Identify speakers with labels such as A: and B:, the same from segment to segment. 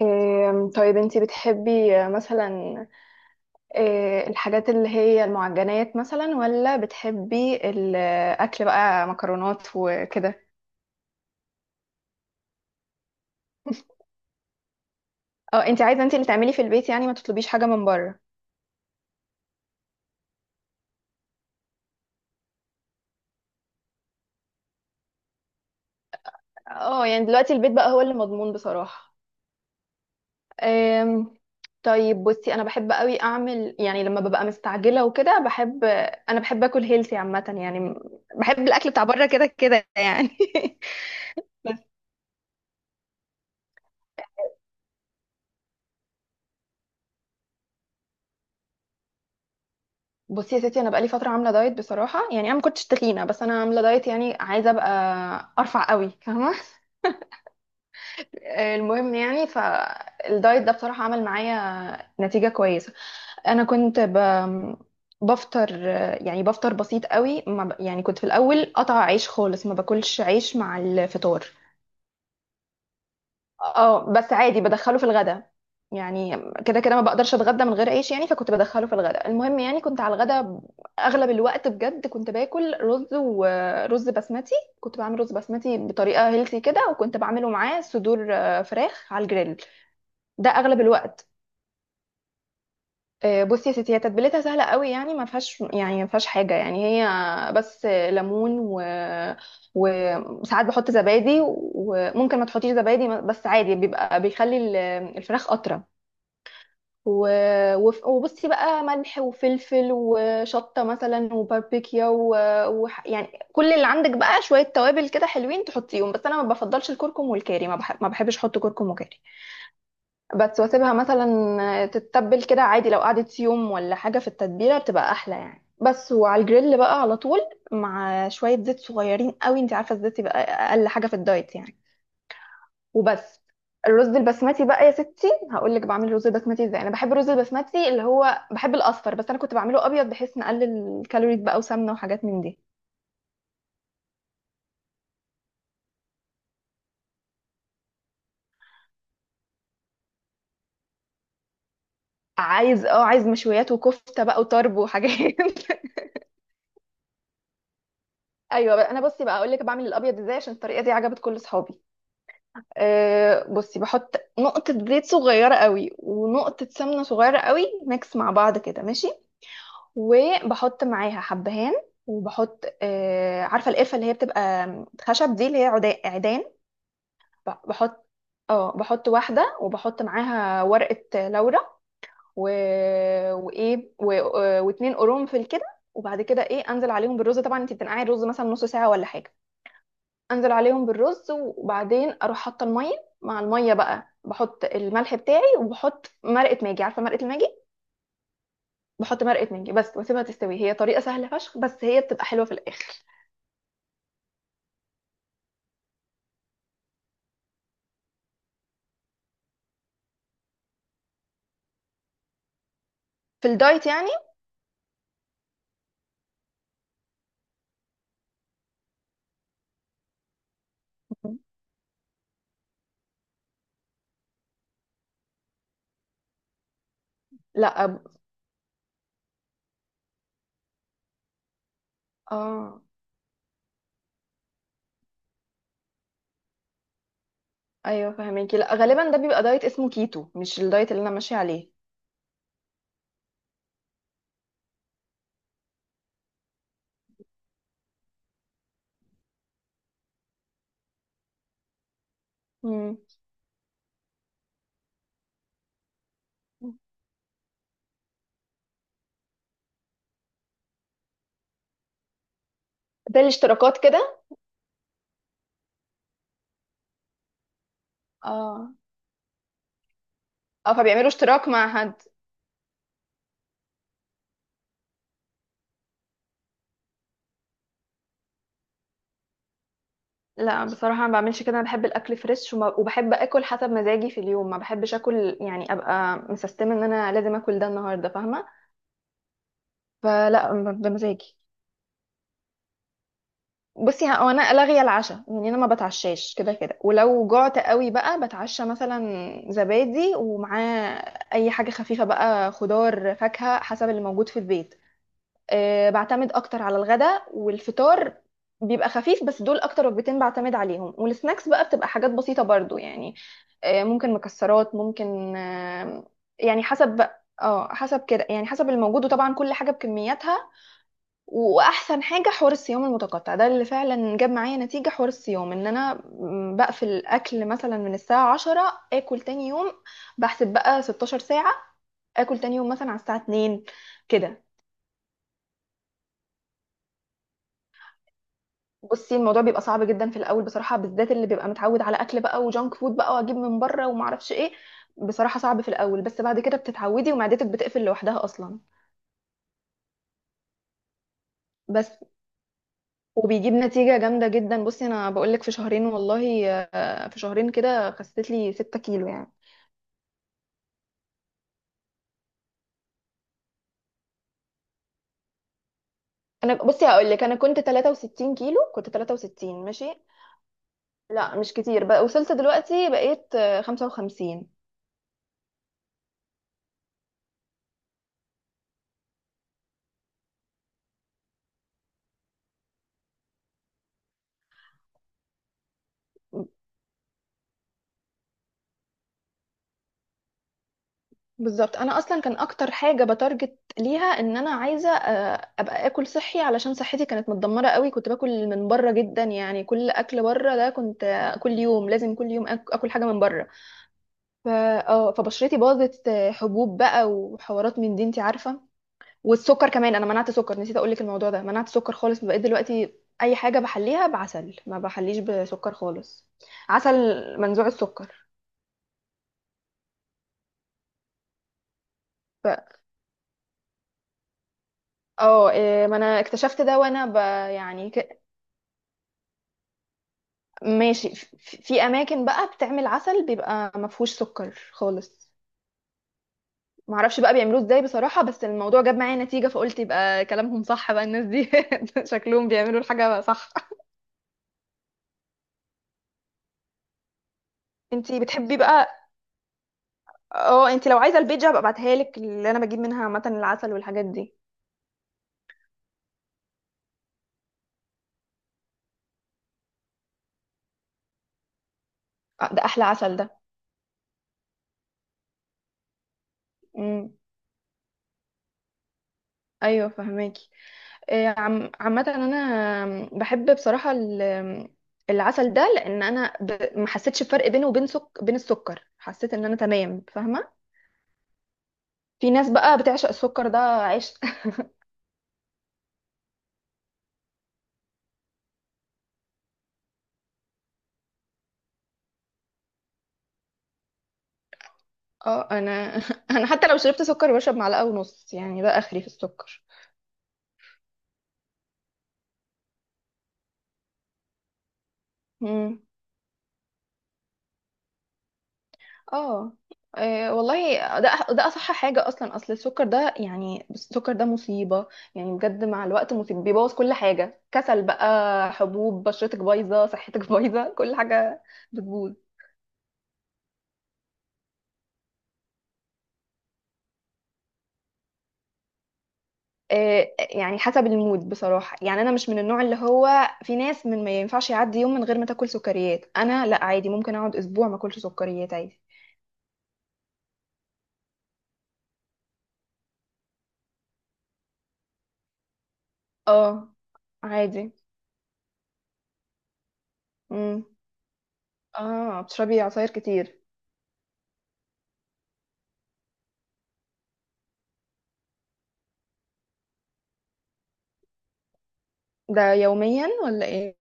A: طيب انتي بتحبي مثلا. الحاجات اللي هي المعجنات مثلا، ولا بتحبي الاكل بقى مكرونات وكده؟ اه، انتي عايزه انتي اللي تعملي في البيت، يعني ما تطلبيش حاجه من بره؟ اه، يعني دلوقتي البيت بقى هو اللي مضمون بصراحه. أم، طيب بصي، انا بحب قوي اعمل، يعني لما ببقى مستعجله وكده بحب. انا بحب اكل هيلثي عامه يعني. بحب الاكل بتاع بره كده كده يعني. بصي يا ستي، انا بقالي فتره عامله دايت بصراحه، يعني انا ما كنتش تخينه، بس انا عامله دايت يعني عايزه ابقى ارفع قوي، فاهمه؟ المهم يعني فالدايت ده بصراحه عمل معايا نتيجه كويسه. انا كنت بفطر، يعني بفطر بسيط قوي، ما ب... يعني كنت في الاول قطع عيش خالص، ما باكلش عيش مع الفطار. اه بس عادي بدخله في الغدا يعني. كده كده ما بقدرش اتغدى من غير عيش يعني، فكنت بدخله في الغدا. المهم يعني كنت على الغدا اغلب الوقت بجد، كنت باكل رز ورز بسمتي. كنت بعمل رز بسمتي بطريقه هيلثي كده، وكنت بعمله معاه صدور، فراخ على الجريل. ده اغلب الوقت. بصي يا ستي، هي تتبيلتها سهله قوي يعني، ما فيهاش يعني، ما فيهاش حاجه يعني، هي بس ليمون، و وساعات بحط زبادي، وممكن ما تحطيش زبادي بس عادي، بيبقى بيخلي الفراخ اطرى. و... وبصي بقى، ملح وفلفل وشطة مثلا وباربيكيا، يعني كل اللي عندك بقى شوية توابل كده حلوين تحطيهم، بس أنا ما بفضلش الكركم والكاري. ما بحبش أحط كركم وكاري. بس واسيبها مثلا تتبل كده عادي، لو قعدت يوم ولا حاجة في التتبيلة بتبقى أحلى يعني. بس وعلى الجريل بقى على طول، مع شوية زيت صغيرين قوي، انت عارفة الزيت يبقى أقل حاجة في الدايت يعني. وبس. الرز البسمتي بقى يا ستي، هقول لك بعمل الرز البسمتي ازاي. انا بحب الرز البسمتي، اللي هو بحب الاصفر، بس انا كنت بعمله ابيض بحيث نقلل الكالوريز بقى وسمنه وحاجات من دي. عايز مشويات وكفته بقى وطرب وحاجات. ايوه بقى، انا بصي بقى اقول لك بعمل الابيض ازاي، عشان الطريقه دي عجبت كل اصحابي. أه بصي، بحط نقطه زيت صغيره قوي ونقطه سمنه صغيره قوي، ميكس مع بعض كده ماشي. وبحط معاها حبهان. وبحط عارفه القرفه اللي هي بتبقى خشب دي، اللي هي عيدان. ب- بحط اه بحط واحده، وبحط معاها ورقه لورا. و... وايه و... آه، واتنين قرنفل كده. وبعد كده ايه، انزل عليهم بالرز، طبعا انت بتنقعي الرز مثلا نص ساعه ولا حاجه. انزل عليهم بالرز، وبعدين اروح حاطه الميه، مع الميه بقى بحط الملح بتاعي، وبحط مرقه ماجي، عارفه مرقه الماجي؟ بحط مرقه ماجي بس، واسيبها تستوي، هي طريقه سهله فشخ، بس هي بتبقى حلوه في الاخر. في الدايت يعني. مم. لا، أب... اه ايوه فهميكي، لا غالبا ده بيبقى دايت اسمه كيتو، مش الدايت اللي انا ماشيه عليه. امم ده الاشتراكات كده. اه، اه، فبيعملوا اشتراك مع حد. لا بصراحه ما بعملش كده، انا بحب الاكل فريش، وبحب اكل حسب مزاجي في اليوم، ما بحبش اكل يعني ابقى مسستمه ان انا لازم اكل ده النهارده، فاهمه؟ فلا، بمزاجي. بصي، هو انا لاغيه العشاء يعني، انا ما بتعشاش كده كده، ولو جعت قوي بقى بتعشى مثلا زبادي، ومعاه اي حاجه خفيفه بقى، خضار فاكهه حسب اللي موجود في البيت. أه بعتمد اكتر على الغداء والفطار، بيبقى خفيف، بس دول اكتر وجبتين بعتمد عليهم، والسناكس بقى بتبقى حاجات بسيطه برضو يعني. أه ممكن مكسرات، ممكن يعني حسب بقى، حسب كده يعني، حسب الموجود، وطبعا كل حاجه بكمياتها. واحسن حاجه حوار الصيام المتقطع ده، اللي فعلا جاب معايا نتيجه. حوار الصيام ان انا بقفل اكل مثلا من الساعه 10، اكل تاني يوم. بحسب بقى 16 ساعه، اكل تاني يوم مثلا على الساعه 2 كده. بصي، الموضوع بيبقى صعب جدا في الاول بصراحه، بالذات اللي بيبقى متعود على اكل بقى وجانك فود بقى، واجيب من بره وما اعرفش ايه. بصراحه صعب في الاول، بس بعد كده بتتعودي ومعدتك بتقفل لوحدها اصلا. بس. وبيجيب نتيجه جامده جدا، بصي انا بقول لك، في شهرين والله، في شهرين كده خسيت لي 6 كيلو يعني. انا بصي هقول لك، انا كنت 63 كيلو، كنت 63، ماشي. لا مش كتير بقى، وصلت دلوقتي بقيت 55. بالظبط، انا اصلا كان اكتر حاجه بتارجت ليها، ان انا عايزه ابقى اكل صحي علشان صحتي كانت متدمره قوي، كنت باكل من بره جدا يعني، كل اكل بره ده كنت كل يوم، لازم كل يوم اكل حاجه من بره. فا اه فبشرتي باظت، حبوب بقى وحوارات من دي، انت عارفه. والسكر كمان، انا منعت سكر، نسيت اقول لك الموضوع ده، منعت سكر خالص، بقيت دلوقتي اي حاجه بحليها بعسل، ما بحليش بسكر خالص. عسل منزوع السكر. ف... اه إيه، ما انا اكتشفت ده، وانا يعني ماشي في اماكن بقى بتعمل عسل بيبقى ما فيهوش سكر خالص، ما اعرفش بقى بيعملوه ازاي بصراحه، بس الموضوع جاب معايا نتيجه، فقلت يبقى كلامهم صح بقى الناس دي. شكلهم بيعملوا الحاجه صح. انتي بتحبي بقى؟ اه، انتي لو عايزه البيج هبقى ابعتها لك، اللي انا بجيب منها عامه العسل والحاجات دي. ده احلى عسل ده. امم ايوه فهماكي. آه، عم عامه انا بحب بصراحه العسل ده، لان انا ما حسيتش بفرق بينه وبين بين السكر، حسيت ان انا تمام، فاهمه؟ في ناس بقى بتعشق السكر ده عيش. اه انا. انا حتى لو شربت سكر بشرب معلقه ونص، يعني ده اخري في السكر. امم اه إيه والله ده اصح حاجه اصلا، اصل السكر ده يعني، بس السكر ده مصيبه. يعني بجد مع الوقت مصيبه، بيبوظ كل حاجه، كسل بقى، حبوب، بشرتك بايظه، صحتك بايظه، كل حاجه بتبوظ. يعني حسب المود بصراحه، يعني انا مش من النوع اللي هو، في ناس من ما ينفعش يعدي يوم من غير ما تاكل سكريات، انا لا عادي، ممكن اقعد اسبوع ما اكلش سكريات عادي. اه عادي. امم. اه بتشربي عصاير كتير؟ ده يوميا ولا ايه؟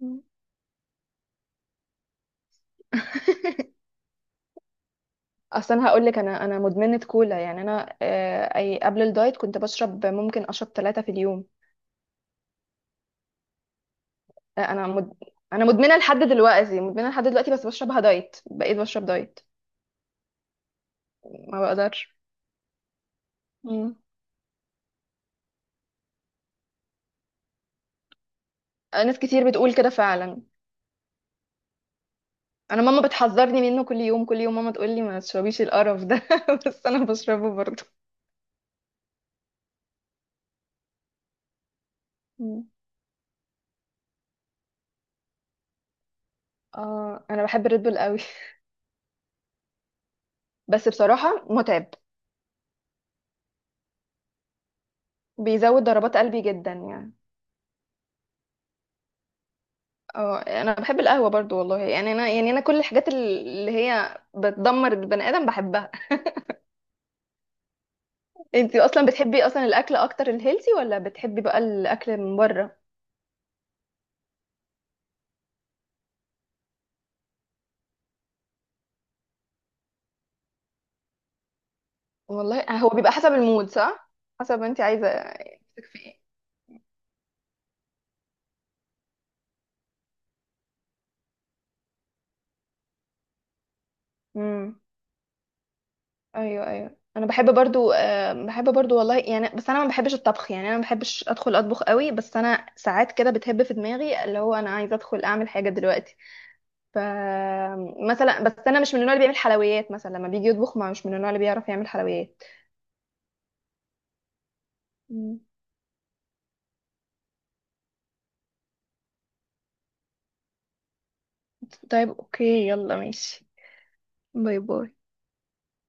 A: مم. اصل انا هقول لك، انا مدمنه كولا، يعني انا، آه، اي قبل الدايت كنت بشرب، ممكن اشرب 3 في اليوم. آه، انا مد... انا مدمنه لحد دلوقتي، مدمنه لحد دلوقتي، بس بشربها دايت، بقيت بشرب دايت. ما بقدرش. مم. ناس كتير بتقول كده فعلا. انا ماما بتحذرني منه، كل يوم كل يوم ماما تقول لي ما تشربيش القرف ده، بس انا بشربه برضه. مم. اه انا بحب الريد بول قوي. بس بصراحه متعب، بيزود ضربات قلبي جدا يعني. اه انا بحب القهوه برضو والله يعني، انا كل الحاجات اللي هي بتدمر البني ادم بحبها. انت اصلا بتحبي اصلا الاكل اكتر الهيلثي، ولا بتحبي بقى الاكل من بره؟ والله هو بيبقى حسب المود، صح، حسب انت عايزه نفسك في ايه. امم ايوه ايوه، انا بحب برضو، أه بحب برضو والله يعني، بس انا ما بحبش الطبخ يعني، انا ما بحبش ادخل اطبخ قوي، بس انا ساعات كده بتهب في دماغي اللي هو انا عايزه ادخل اعمل حاجه دلوقتي. ف مثلا بس، انا مش من النوع اللي بيعمل حلويات، مثلا لما بيجي يطبخ، ما مش من النوع اللي بيعرف يعمل حلويات. مم. طيب اوكي، يلا ماشي. باي باي.